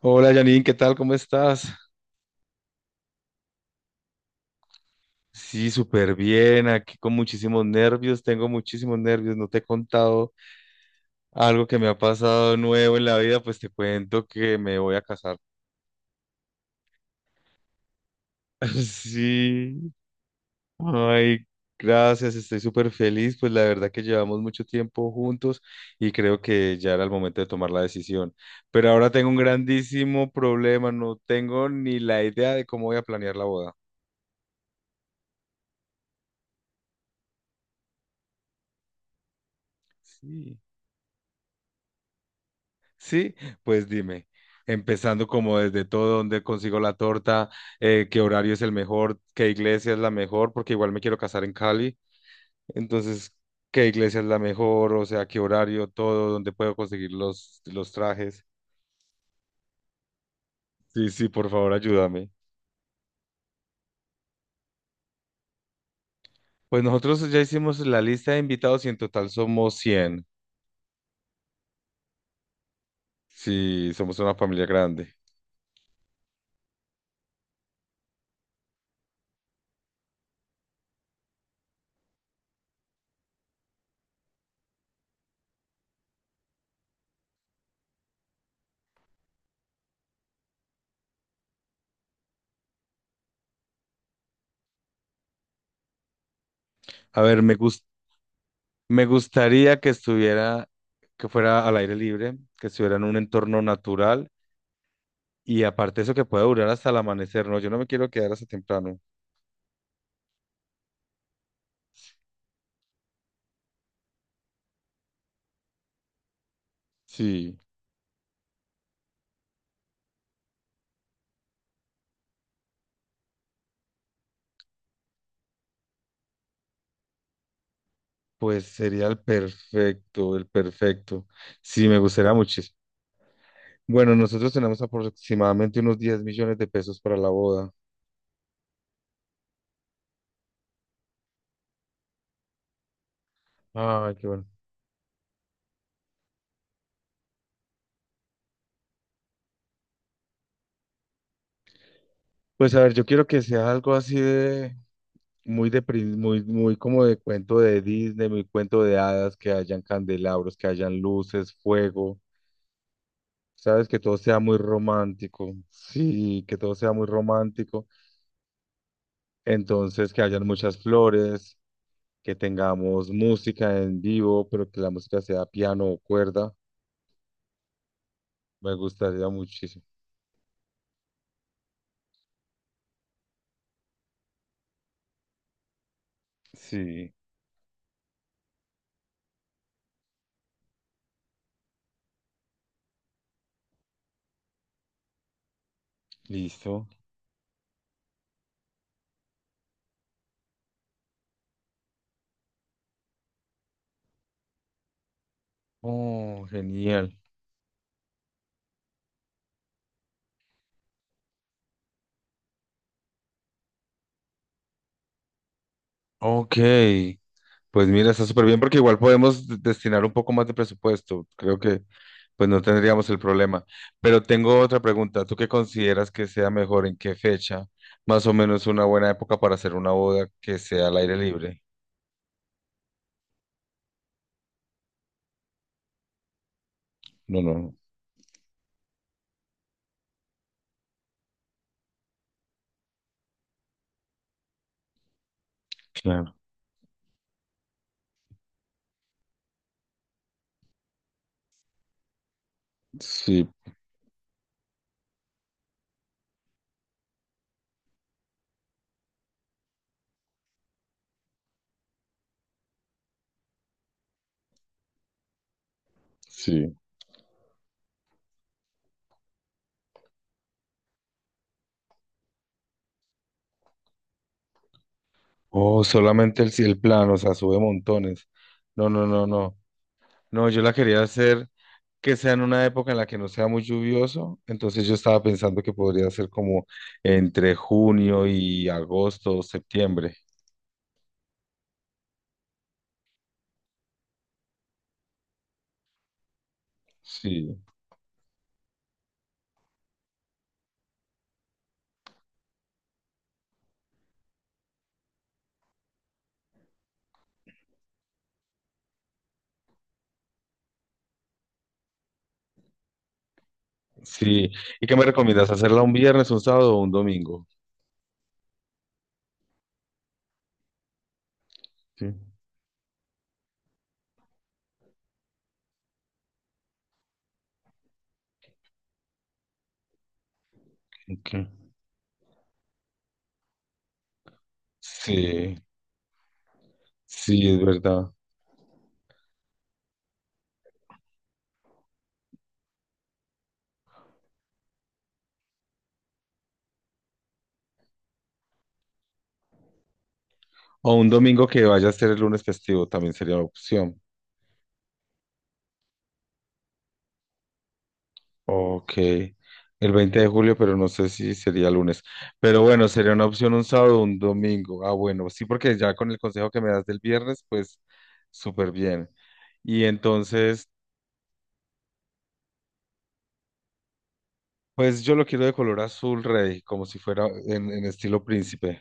Hola Janine, ¿qué tal? ¿Cómo estás? Sí, súper bien, aquí con muchísimos nervios, tengo muchísimos nervios, no te he contado algo que me ha pasado nuevo en la vida, pues te cuento que me voy a casar. Sí, ay, gracias, estoy súper feliz, pues la verdad que llevamos mucho tiempo juntos y creo que ya era el momento de tomar la decisión, pero ahora tengo un grandísimo problema, no tengo ni la idea de cómo voy a planear la boda. Sí. Sí, pues dime, empezando como desde todo, dónde consigo la torta. ¿Qué horario es el mejor? ¿Qué iglesia es la mejor? Porque igual me quiero casar en Cali, entonces, qué iglesia es la mejor, o sea, qué horario, todo, dónde puedo conseguir los trajes. Sí, sí, por favor, ayúdame. Pues nosotros ya hicimos la lista de invitados y en total somos 100. Sí, somos una familia grande. A ver, me gustaría que estuviera, que fuera al aire libre, que estuviera en un entorno natural. Y aparte eso que puede durar hasta el amanecer, ¿no? Yo no me quiero quedar hasta temprano. Sí, pues sería el perfecto, el perfecto. Sí, me gustaría muchísimo. Bueno, nosotros tenemos aproximadamente unos 10 millones de pesos para la boda. Ay, qué bueno. Pues a ver, yo quiero que sea algo así de muy muy como de cuento de Disney, muy cuento de hadas, que hayan candelabros, que hayan luces, fuego. Sabes que todo sea muy romántico. Sí, que todo sea muy romántico. Entonces, que hayan muchas flores, que tengamos música en vivo, pero que la música sea piano o cuerda. Me gustaría muchísimo. Sí, listo. Oh, genial. Ok, pues mira, está súper bien porque igual podemos destinar un poco más de presupuesto. Creo que pues no tendríamos el problema. Pero tengo otra pregunta. ¿Tú qué consideras que sea mejor? ¿En qué fecha? Más o menos una buena época para hacer una boda que sea al aire libre. No, no, claro. Sí, sí. Oh, solamente el plano, o sea, sube montones. No, no, no, no. No, yo la quería hacer que sea en una época en la que no sea muy lluvioso. Entonces yo estaba pensando que podría ser como entre junio y agosto o septiembre. Sí, sí. ¿Y qué me recomiendas? ¿Hacerla un viernes, un sábado o un domingo? Sí, ok. Sí, sí, es verdad. O un domingo que vaya a ser el lunes festivo también sería una opción. Ok, el 20 de julio, pero no sé si sería lunes. Pero bueno, sería una opción un sábado o un domingo. Ah, bueno, sí, porque ya con el consejo que me das del viernes, pues súper bien. Y entonces, pues yo lo quiero de color azul rey, como si fuera en estilo príncipe.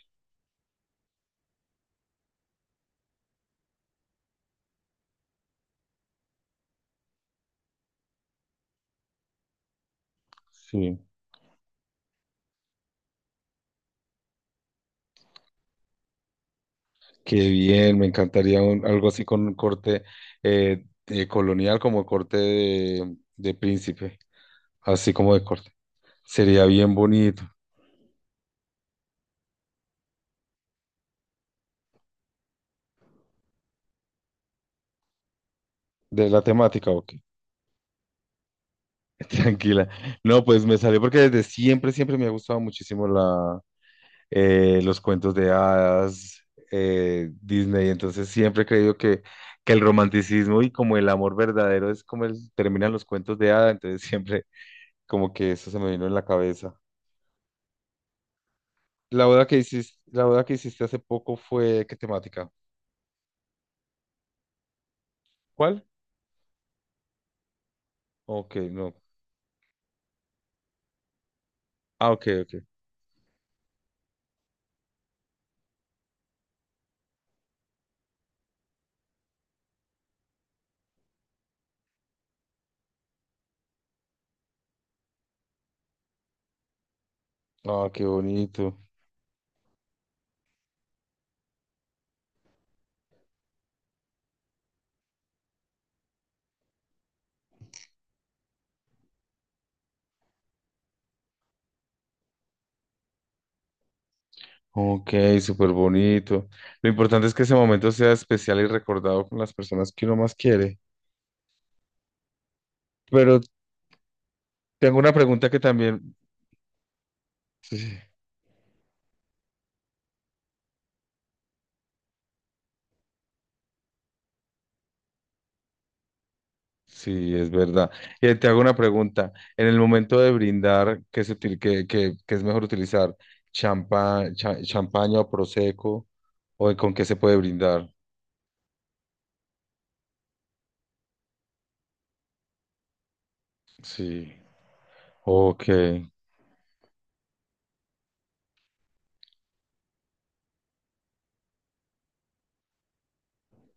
Sí, qué bien, me encantaría algo así con un corte colonial, como corte de príncipe, así como de corte. Sería bien bonito. ¿De la temática o tranquila? No, pues me salió porque desde siempre, siempre me ha gustado muchísimo la, los cuentos de hadas, Disney. Entonces siempre he creído que el romanticismo y como el amor verdadero es como terminan los cuentos de hadas. Entonces siempre como que eso se me vino en la cabeza. La boda que hiciste hace poco fue, ¿qué temática? ¿Cuál? Ok, no. Ah, ok, ok. Ah, qué bonito. Ok, súper bonito. Lo importante es que ese momento sea especial y recordado con las personas que uno más quiere. Pero tengo una pregunta que también, sí, sí, es verdad. Y te hago una pregunta. En el momento de brindar, ¿qué se qué es mejor utilizar? ¿Champa, champaña o prosecco? ¿O con qué se puede brindar? Sí, ok,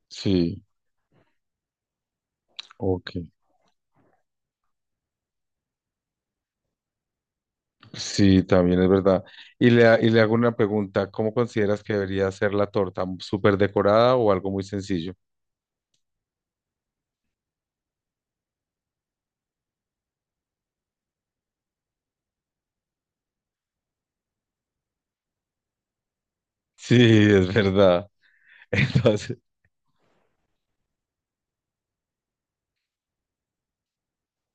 sí, ok. Sí, también es verdad. Y le hago una pregunta, ¿cómo consideras que debería ser la torta? ¿Súper decorada o algo muy sencillo? Sí, es verdad. Entonces,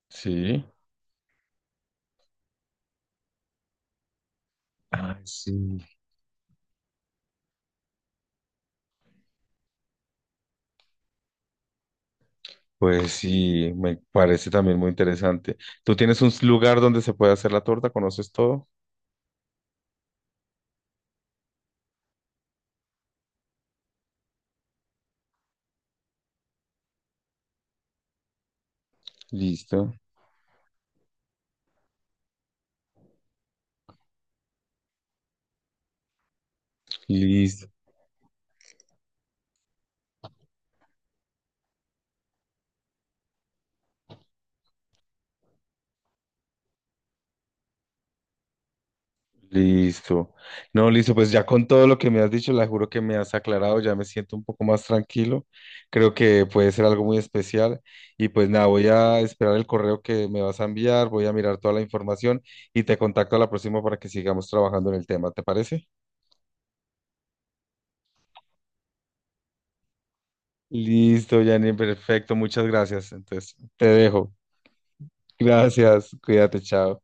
sí. Ay, sí. Pues sí, me parece también muy interesante. ¿Tú tienes un lugar donde se puede hacer la torta? ¿Conoces todo? Listo, listo. Listo. No, listo, pues ya con todo lo que me has dicho, la juro que me has aclarado, ya me siento un poco más tranquilo. Creo que puede ser algo muy especial. Y pues nada, voy a esperar el correo que me vas a enviar, voy a mirar toda la información y te contacto a la próxima para que sigamos trabajando en el tema, ¿te parece? Listo, Janine, perfecto, muchas gracias. Entonces, te dejo. Gracias, cuídate, chao.